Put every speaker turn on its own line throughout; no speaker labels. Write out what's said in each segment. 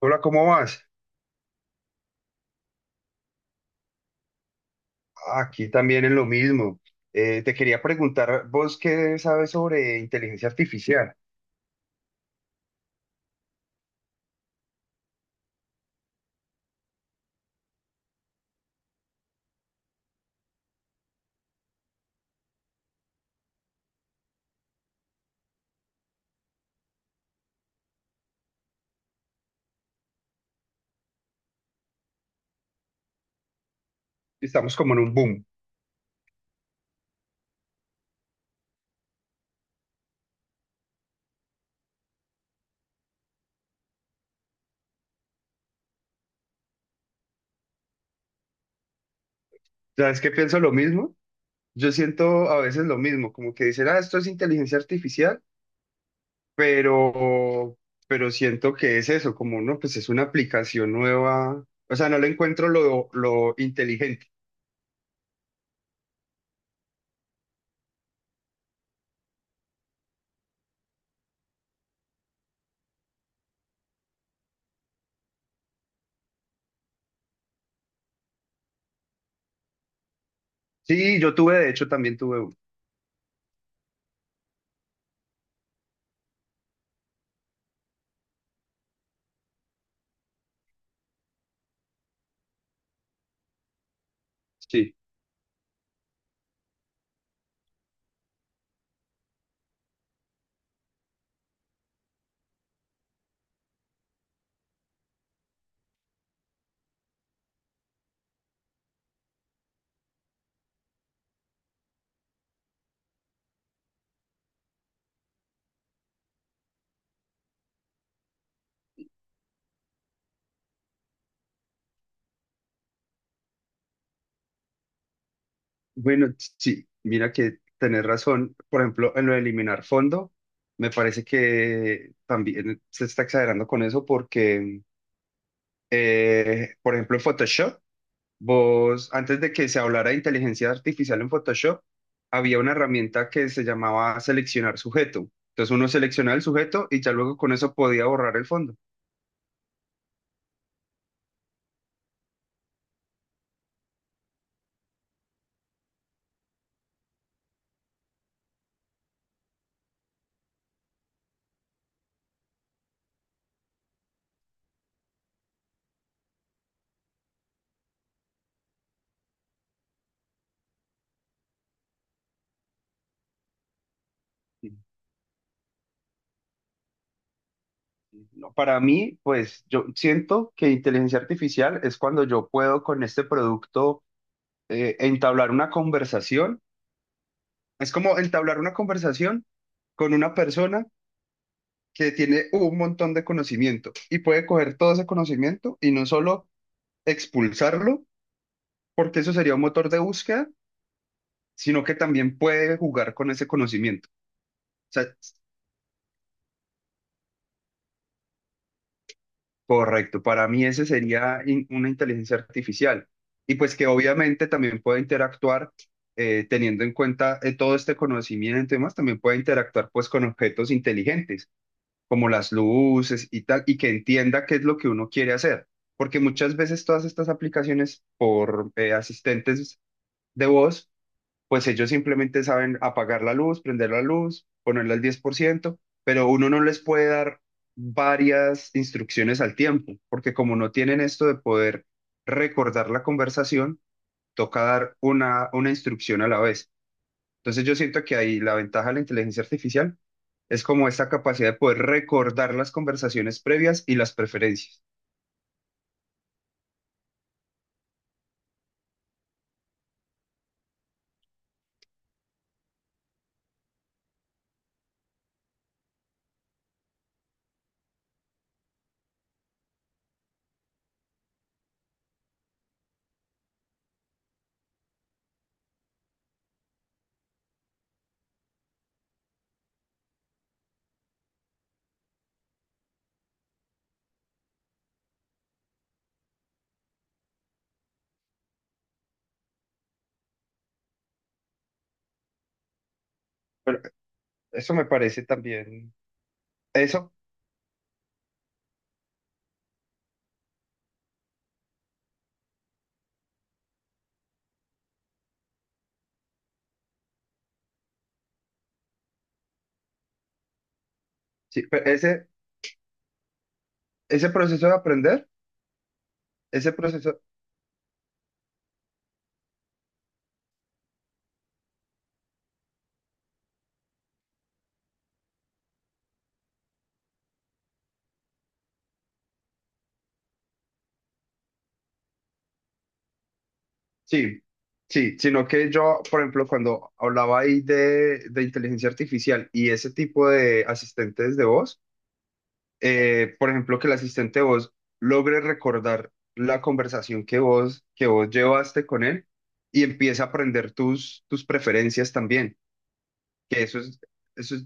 Hola, ¿cómo vas? Aquí también en lo mismo. Te quería preguntar, ¿vos qué sabes sobre inteligencia artificial? Estamos como en un boom. ¿Sabes qué? Pienso lo mismo. Yo siento a veces lo mismo, como que dicen, ah, esto es inteligencia artificial, pero, pero siento que es eso, como no, pues es una aplicación nueva. O sea, no le encuentro lo inteligente. Sí, yo tuve, de hecho, también tuve uno. Sí. Bueno, sí, mira que tenés razón. Por ejemplo, en lo de eliminar fondo, me parece que también se está exagerando con eso porque, por ejemplo, en Photoshop, vos, antes de que se hablara de inteligencia artificial en Photoshop, había una herramienta que se llamaba seleccionar sujeto. Entonces uno seleccionaba el sujeto y ya luego con eso podía borrar el fondo. No. Para mí, pues yo siento que inteligencia artificial es cuando yo puedo con este producto entablar una conversación. Es como entablar una conversación con una persona que tiene un montón de conocimiento y puede coger todo ese conocimiento y no solo expulsarlo, porque eso sería un motor de búsqueda, sino que también puede jugar con ese conocimiento. O sea, correcto, para mí ese sería una inteligencia artificial. Y pues que obviamente también puede interactuar teniendo en cuenta todo este conocimiento y demás, también puede interactuar pues con objetos inteligentes como las luces y tal, y que entienda qué es lo que uno quiere hacer. Porque muchas veces todas estas aplicaciones por asistentes de voz, pues ellos simplemente saben apagar la luz, prender la luz, ponerla al 10%, pero uno no les puede dar varias instrucciones al tiempo, porque como no tienen esto de poder recordar la conversación, toca dar una instrucción a la vez. Entonces yo siento que ahí la ventaja de la inteligencia artificial es como esta capacidad de poder recordar las conversaciones previas y las preferencias. Pero eso me parece también, eso, sí, pero ese proceso de aprender, ese proceso, sí, sí, sino que yo, por ejemplo, cuando hablaba ahí de inteligencia artificial y ese tipo de asistentes de voz, por ejemplo, que el asistente de voz logre recordar la conversación que vos llevaste con él y empiece a aprender tus preferencias también, que eso es, eso es,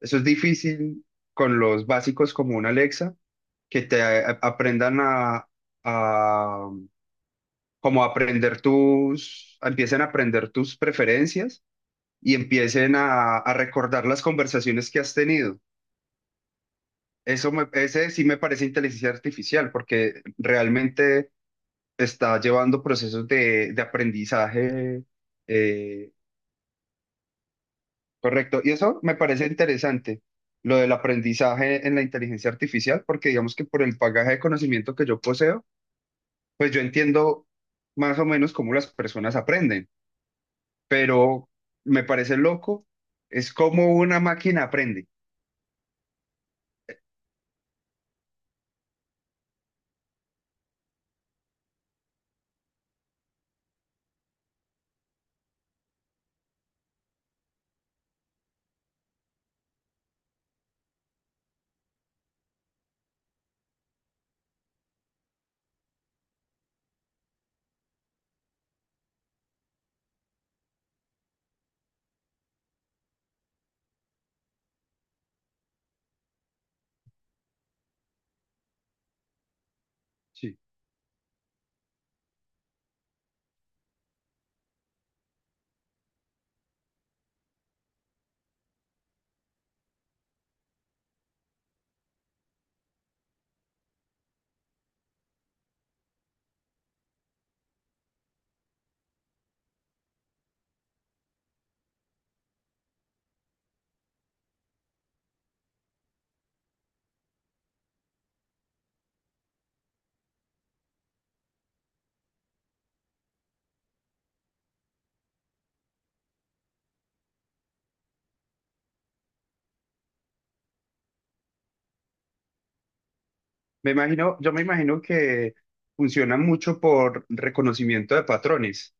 eso es difícil con los básicos como un Alexa, que te aprendan a como a aprender tus, empiecen a aprender tus preferencias y empiecen a recordar las conversaciones que has tenido. Eso me, ese sí me parece inteligencia artificial porque realmente está llevando procesos de aprendizaje. eh, Correcto. Y eso me parece interesante, lo del aprendizaje en la inteligencia artificial, porque digamos que por el bagaje de conocimiento que yo poseo, pues yo entiendo más o menos cómo las personas aprenden, pero me parece loco, es como una máquina aprende. Sí. Me imagino, yo me imagino que funciona mucho por reconocimiento de patrones.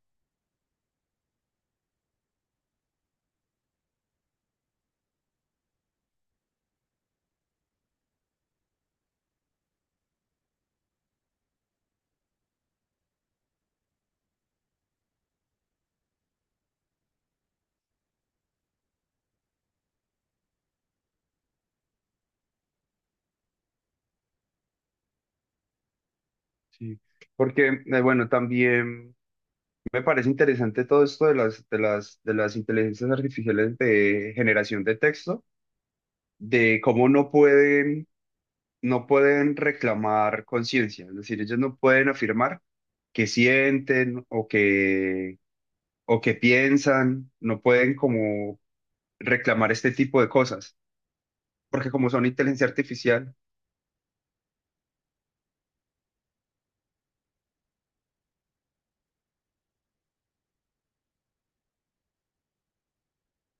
Sí, porque bueno, también me parece interesante todo esto de las, de las, de las inteligencias artificiales de generación de texto, de cómo no pueden, no pueden reclamar conciencia, es decir, ellos no pueden afirmar que sienten o que piensan, no pueden como reclamar este tipo de cosas, porque como son inteligencia artificial,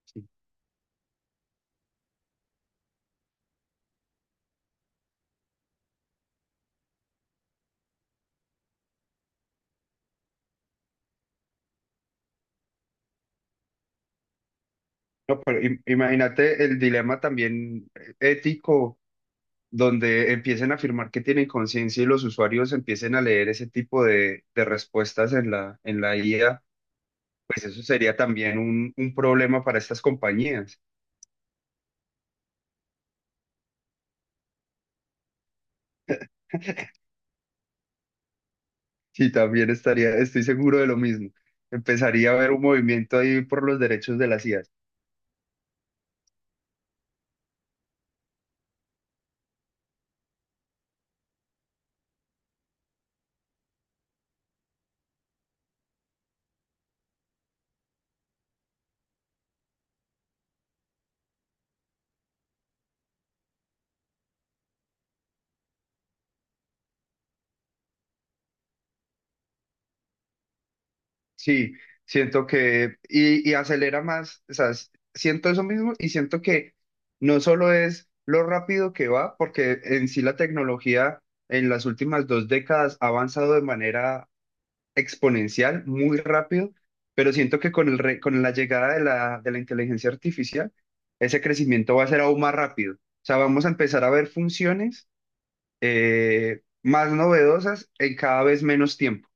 sí. No, pero imagínate el dilema también ético donde empiecen a afirmar que tienen conciencia y los usuarios empiecen a leer ese tipo de respuestas en la IA, pues eso sería también un problema para estas compañías. Sí, también estaría, estoy seguro de lo mismo. Empezaría a haber un movimiento ahí por los derechos de las IAs. Sí, siento que, y acelera más, o sea, siento eso mismo y siento que no solo es lo rápido que va, porque en sí la tecnología en las últimas 2 décadas ha avanzado de manera exponencial, muy rápido, pero siento que con el con la llegada de la inteligencia artificial, ese crecimiento va a ser aún más rápido. O sea, vamos a empezar a ver funciones más novedosas en cada vez menos tiempo.